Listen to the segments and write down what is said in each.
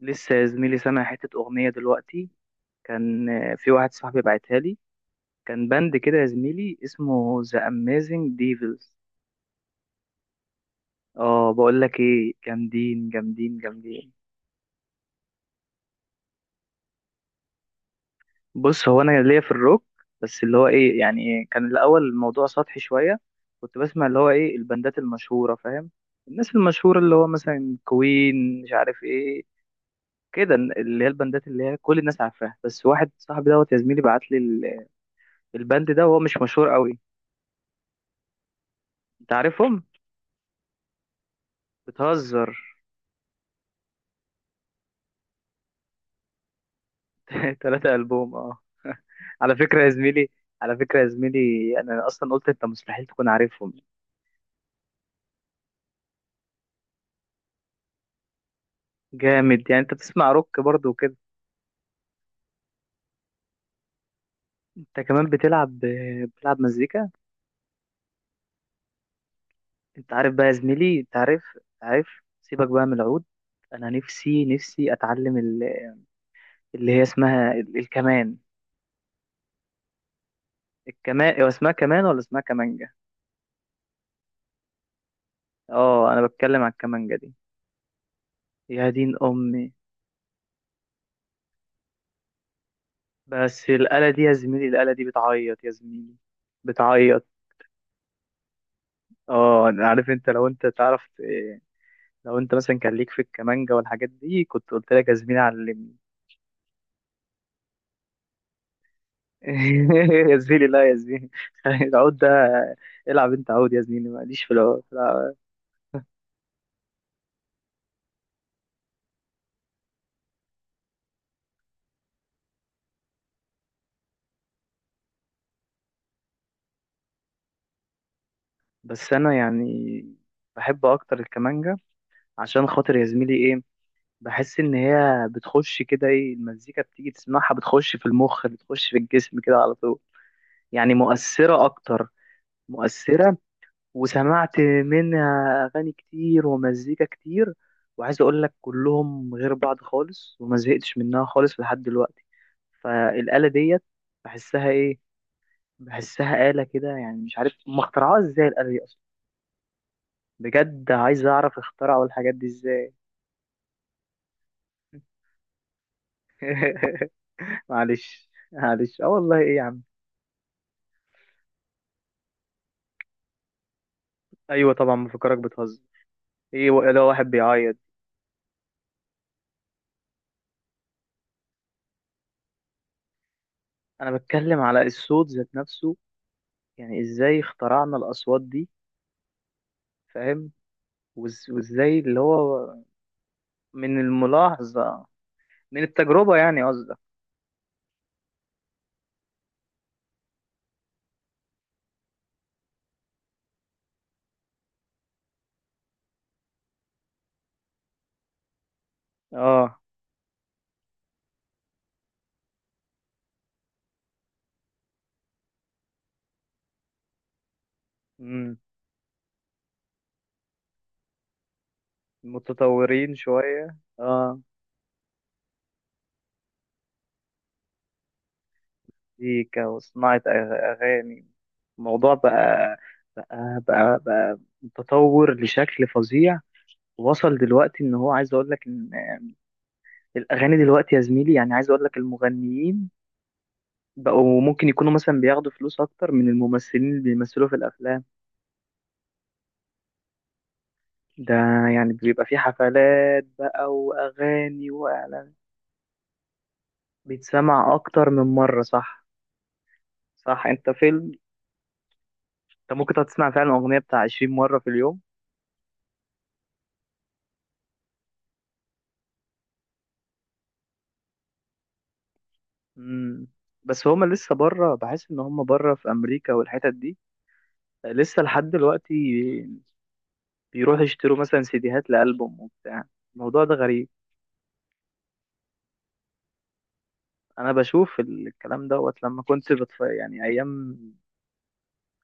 لسه يا زميلي سامع حتة أغنية دلوقتي؟ كان في واحد صاحبي بعتها لي. كان باند كده يا زميلي اسمه The Amazing Devils. اه، بقول لك ايه، جامدين جامدين جامدين. بص، هو انا ليا في الروك. بس اللي هو ايه يعني إيه، كان الاول الموضوع سطحي شوية. كنت بسمع اللي هو ايه البندات المشهورة، فاهم؟ الناس المشهورة اللي هو مثلا كوين مش عارف ايه، كده اللي هي البندات اللي هي كل الناس عارفاها. بس واحد صاحبي دوت يا زميلي بعت لي الباند ده، وهو مش مشهور قوي. انت عارفهم؟ بتهزر؟ 3 ألبوم، اه. على فكرة يا زميلي، على فكرة يا زميلي، أنا أصلا قلت أنت مستحيل تكون عارفهم. جامد، يعني أنت بتسمع روك برضه وكده. أنت كمان بتلعب مزيكا. أنت عارف بقى يا زميلي، أنت عارف. عارف. سيبك بقى من العود. أنا نفسي أتعلم اللي هي اسمها الكمان. الكمان هو اسمها كمان ولا اسمها كمانجة؟ اه، أنا بتكلم على الكمانجة دي. يا دين أمي. بس الآلة دي يا زميلي، الآلة دي بتعيط يا زميلي. بتعيط. اه، أنا عارف انت، لو انت تعرف إيه، لو انت مثلا كان ليك في الكمانجا والحاجات دي كنت قلت لك يا زميلي علمني. يا زميلي لا يا زميلي. العود ده، العب انت عود يا زميلي، ماليش في العود، لا. بس انا يعني بحب اكتر الكمانجا، عشان خاطر يا زميلي ايه، بحس ان هي بتخش كده ايه، المزيكا بتيجي تسمعها بتخش في المخ، بتخش في الجسم كده على طول. يعني مؤثرة اكتر. مؤثرة. وسمعت منها اغاني كتير ومزيكا كتير. وعايز اقول لك كلهم غير بعض خالص، وما زهقتش منها خالص لحد دلوقتي. فالآلة ديت بحسها ايه، بحسها آلة كده يعني، مش عارف هم اخترعوها ازاي الآلة دي اصلا. بجد عايز اعرف اخترعوا الحاجات دي ازاي. معلش معلش، اه والله، ايه يا عم. ايوه طبعا مفكرك بتهزر. ايه، ده واحد بيعيط؟ انا بتكلم على الصوت ذات نفسه. يعني ازاي اخترعنا الاصوات دي؟ فاهم؟ وازاي اللي هو من الملاحظة؟ من التجربة يعني قصدك. اه. امم. متطورين شوية، اه. مزيكا وصناعة أغاني. الموضوع بقى، بقى متطور لشكل فظيع. وصل دلوقتي ان هو عايز اقول لك ان الاغاني دلوقتي يا زميلي، يعني عايز اقول لك المغنيين بقوا ممكن يكونوا مثلا بياخدوا فلوس اكتر من الممثلين اللي بيمثلوا في الافلام. ده يعني بيبقى في حفلات بقى، واغاني، واعلانات. بيتسمع اكتر من مره، صح. صح، انت فيلم، انت ممكن تقعد تسمع فعلا اغنيه بتاع 20 مره في اليوم. امم. بس هما لسه بره، بحس ان هما بره في امريكا والحتت دي، لسه لحد دلوقتي بيروحوا يشتروا مثلا سيديهات لألبوم وبتاع. الموضوع ده غريب. انا بشوف الكلام دوت لما كنت يعني ايام،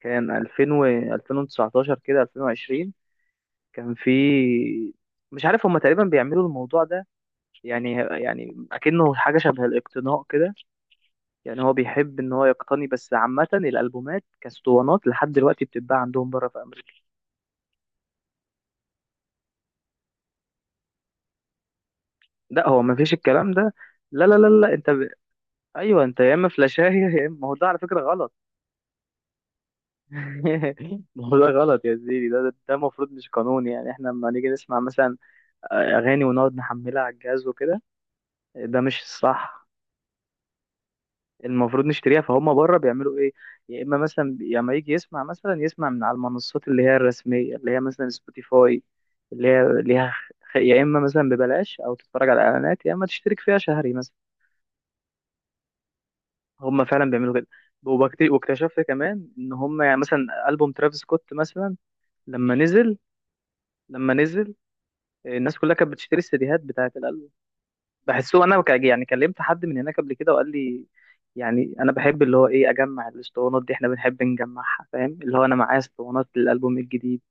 كان 2000 و 2019 كده 2020، كان في، مش عارف هما تقريبا بيعملوا الموضوع ده، يعني، يعني اكنه حاجه شبه الاقتناء كده، يعني هو بيحب ان هو يقتني. بس عامة الالبومات كاسطوانات لحد دلوقتي بتتباع عندهم بره في امريكا. لا هو ما فيش الكلام ده، لا لا لا لا، انت ايوه، انت يا اما فلاشايه. يا اما، ما هو ده على فكرة غلط. ما هو ده غلط يا زيدي، ده المفروض، مش قانون يعني، احنا لما نيجي نسمع مثلا اغاني ونقعد نحملها على الجهاز وكده، ده مش صح. المفروض نشتريها، فهم بره بيعملوا ايه، يا اما مثلا، يا اما يجي يسمع مثلا، يسمع من على المنصات اللي هي الرسميه، اللي هي مثلا سبوتيفاي، اللي هي ليها يا اما مثلا ببلاش او تتفرج على اعلانات، يا اما تشترك فيها شهري مثلا. هم فعلا بيعملوا كده. واكتشفت كمان ان هم يعني، مثلا البوم ترافيس سكوت مثلا، لما نزل لما نزل الناس كلها كانت بتشتري السيديهات بتاعه الالبوم. بحسه انا، يعني كلمت حد من هناك قبل كده وقال لي يعني انا بحب اللي هو ايه اجمع الاسطوانات دي، احنا بنحب نجمعها، فاهم؟ اللي هو انا معايا اسطوانات للالبوم الجديد.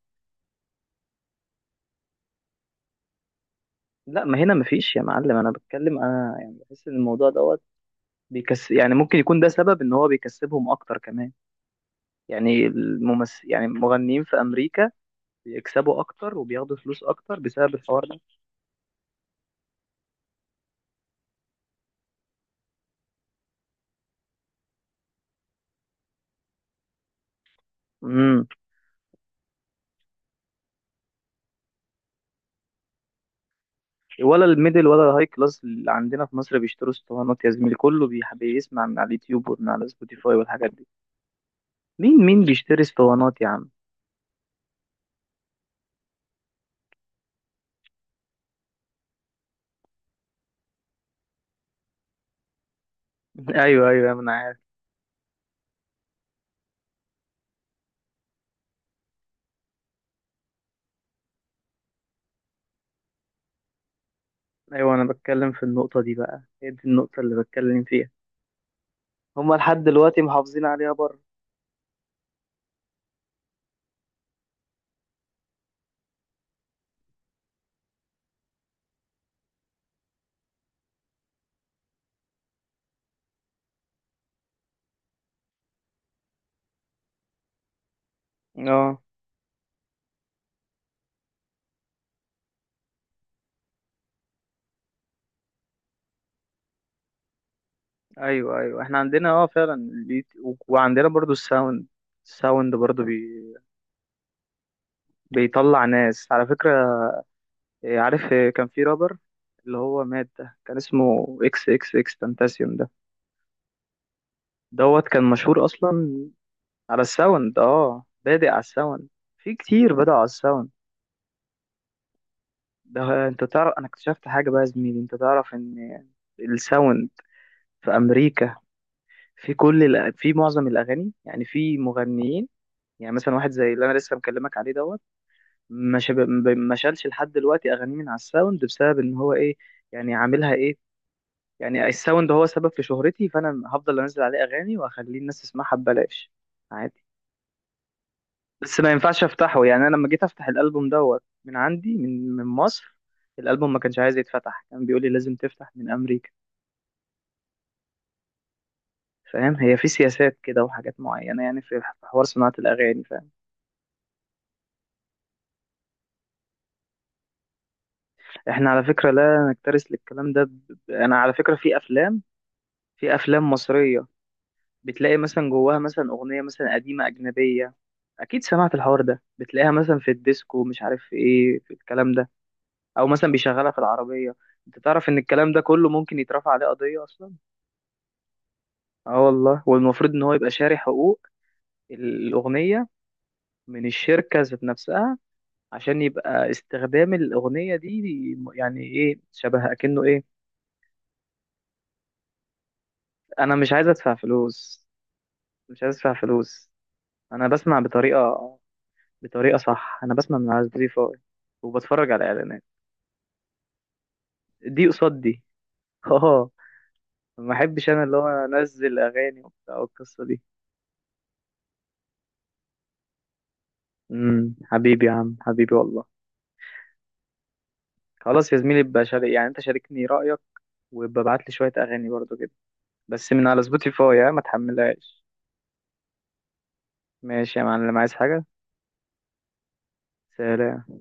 لا، ما هنا مفيش يا معلم. انا بتكلم، انا يعني بحس ان الموضوع دوت بيكس، يعني ممكن يكون ده سبب ان هو بيكسبهم اكتر كمان. يعني الممثل، يعني المغنيين في امريكا بيكسبوا اكتر وبياخدوا فلوس اكتر بسبب الحوار ده. امم. ولا الميدل ولا الهاي كلاس اللي عندنا في مصر بيشتروا اسطوانات يا زميلي، كله بيسمع من على اليوتيوب ومن على سبوتيفاي والحاجات دي. مين مين بيشتري اسطوانات يا عم؟ ايوه ايوه، انا عارف. ايوه، انا بتكلم في النقطه دي بقى، هي دي النقطه اللي بتكلم فيها. هما لحد دلوقتي محافظين عليها بره. اه. ايوه ايوه، احنا عندنا اه فعلا البيت وعندنا برضو الساوند. الساوند برضو بيطلع ناس على فكره. إيه، عارف إيه، كان في رابر اللي هو مات ده، كان اسمه اكس اكس اكس تنتاسيوم ده، دوت كان مشهور اصلا. على الساوند، اه، بادئ على الساوند. في كتير بدأوا على الساوند. ده انت تعرف، انا اكتشفت حاجه بقى يا زميلي، انت تعرف ان الساوند في امريكا في كل في معظم الاغاني، يعني في مغنيين، يعني مثلا واحد زي اللي انا لسه مكلمك عليه دوت، ما شب... ما شالش لحد دلوقتي اغانيه من على الساوند بسبب ان هو ايه، يعني عاملها ايه، يعني الساوند هو سبب في شهرتي، فانا هفضل انزل عليه اغاني واخليه الناس تسمعها ببلاش، عادي. بس ما ينفعش افتحه. يعني انا لما جيت افتح الالبوم دوت من عندي، من مصر، الالبوم ما كانش عايز يتفتح، كان بيقول لي لازم تفتح من امريكا. فاهم؟ هي في سياسات كده وحاجات معينة يعني، في حوار صناعة الأغاني، فاهم؟ احنا على فكرة لا نكترث للكلام ده، أنا على فكرة، في أفلام، في أفلام مصرية، بتلاقي مثلا جواها مثلا أغنية مثلا قديمة أجنبية، أكيد سمعت الحوار ده، بتلاقيها مثلا في الديسكو مش عارف في إيه، في الكلام ده، أو مثلا بيشغلها في العربية. أنت تعرف إن الكلام ده كله ممكن يترفع عليه قضية أصلا؟ أه والله. والمفروض إن هو يبقى شاري حقوق الأغنية من الشركة ذات نفسها، عشان يبقى استخدام الأغنية دي يعني إيه، شبه أكنه إيه. أنا مش عايز أدفع فلوس، مش عايز أدفع فلوس. أنا بسمع بطريقة، بطريقة صح. أنا بسمع من على سبوتيفاي وبتفرج على إعلانات، دي قصاد دي. آه. ما أحبش أنا اللي هو أنزل أغاني وبتاع والقصة دي. حبيبي يا عم، حبيبي والله. خلاص يا زميلي بقى شارك، يعني أنت شاركني رأيك، وببعت لي شوية أغاني برضو كده. بس من على سبوتيفاي، ها، ما تحملهاش. ماشي يا معلم، عايز حاجة؟ سلام.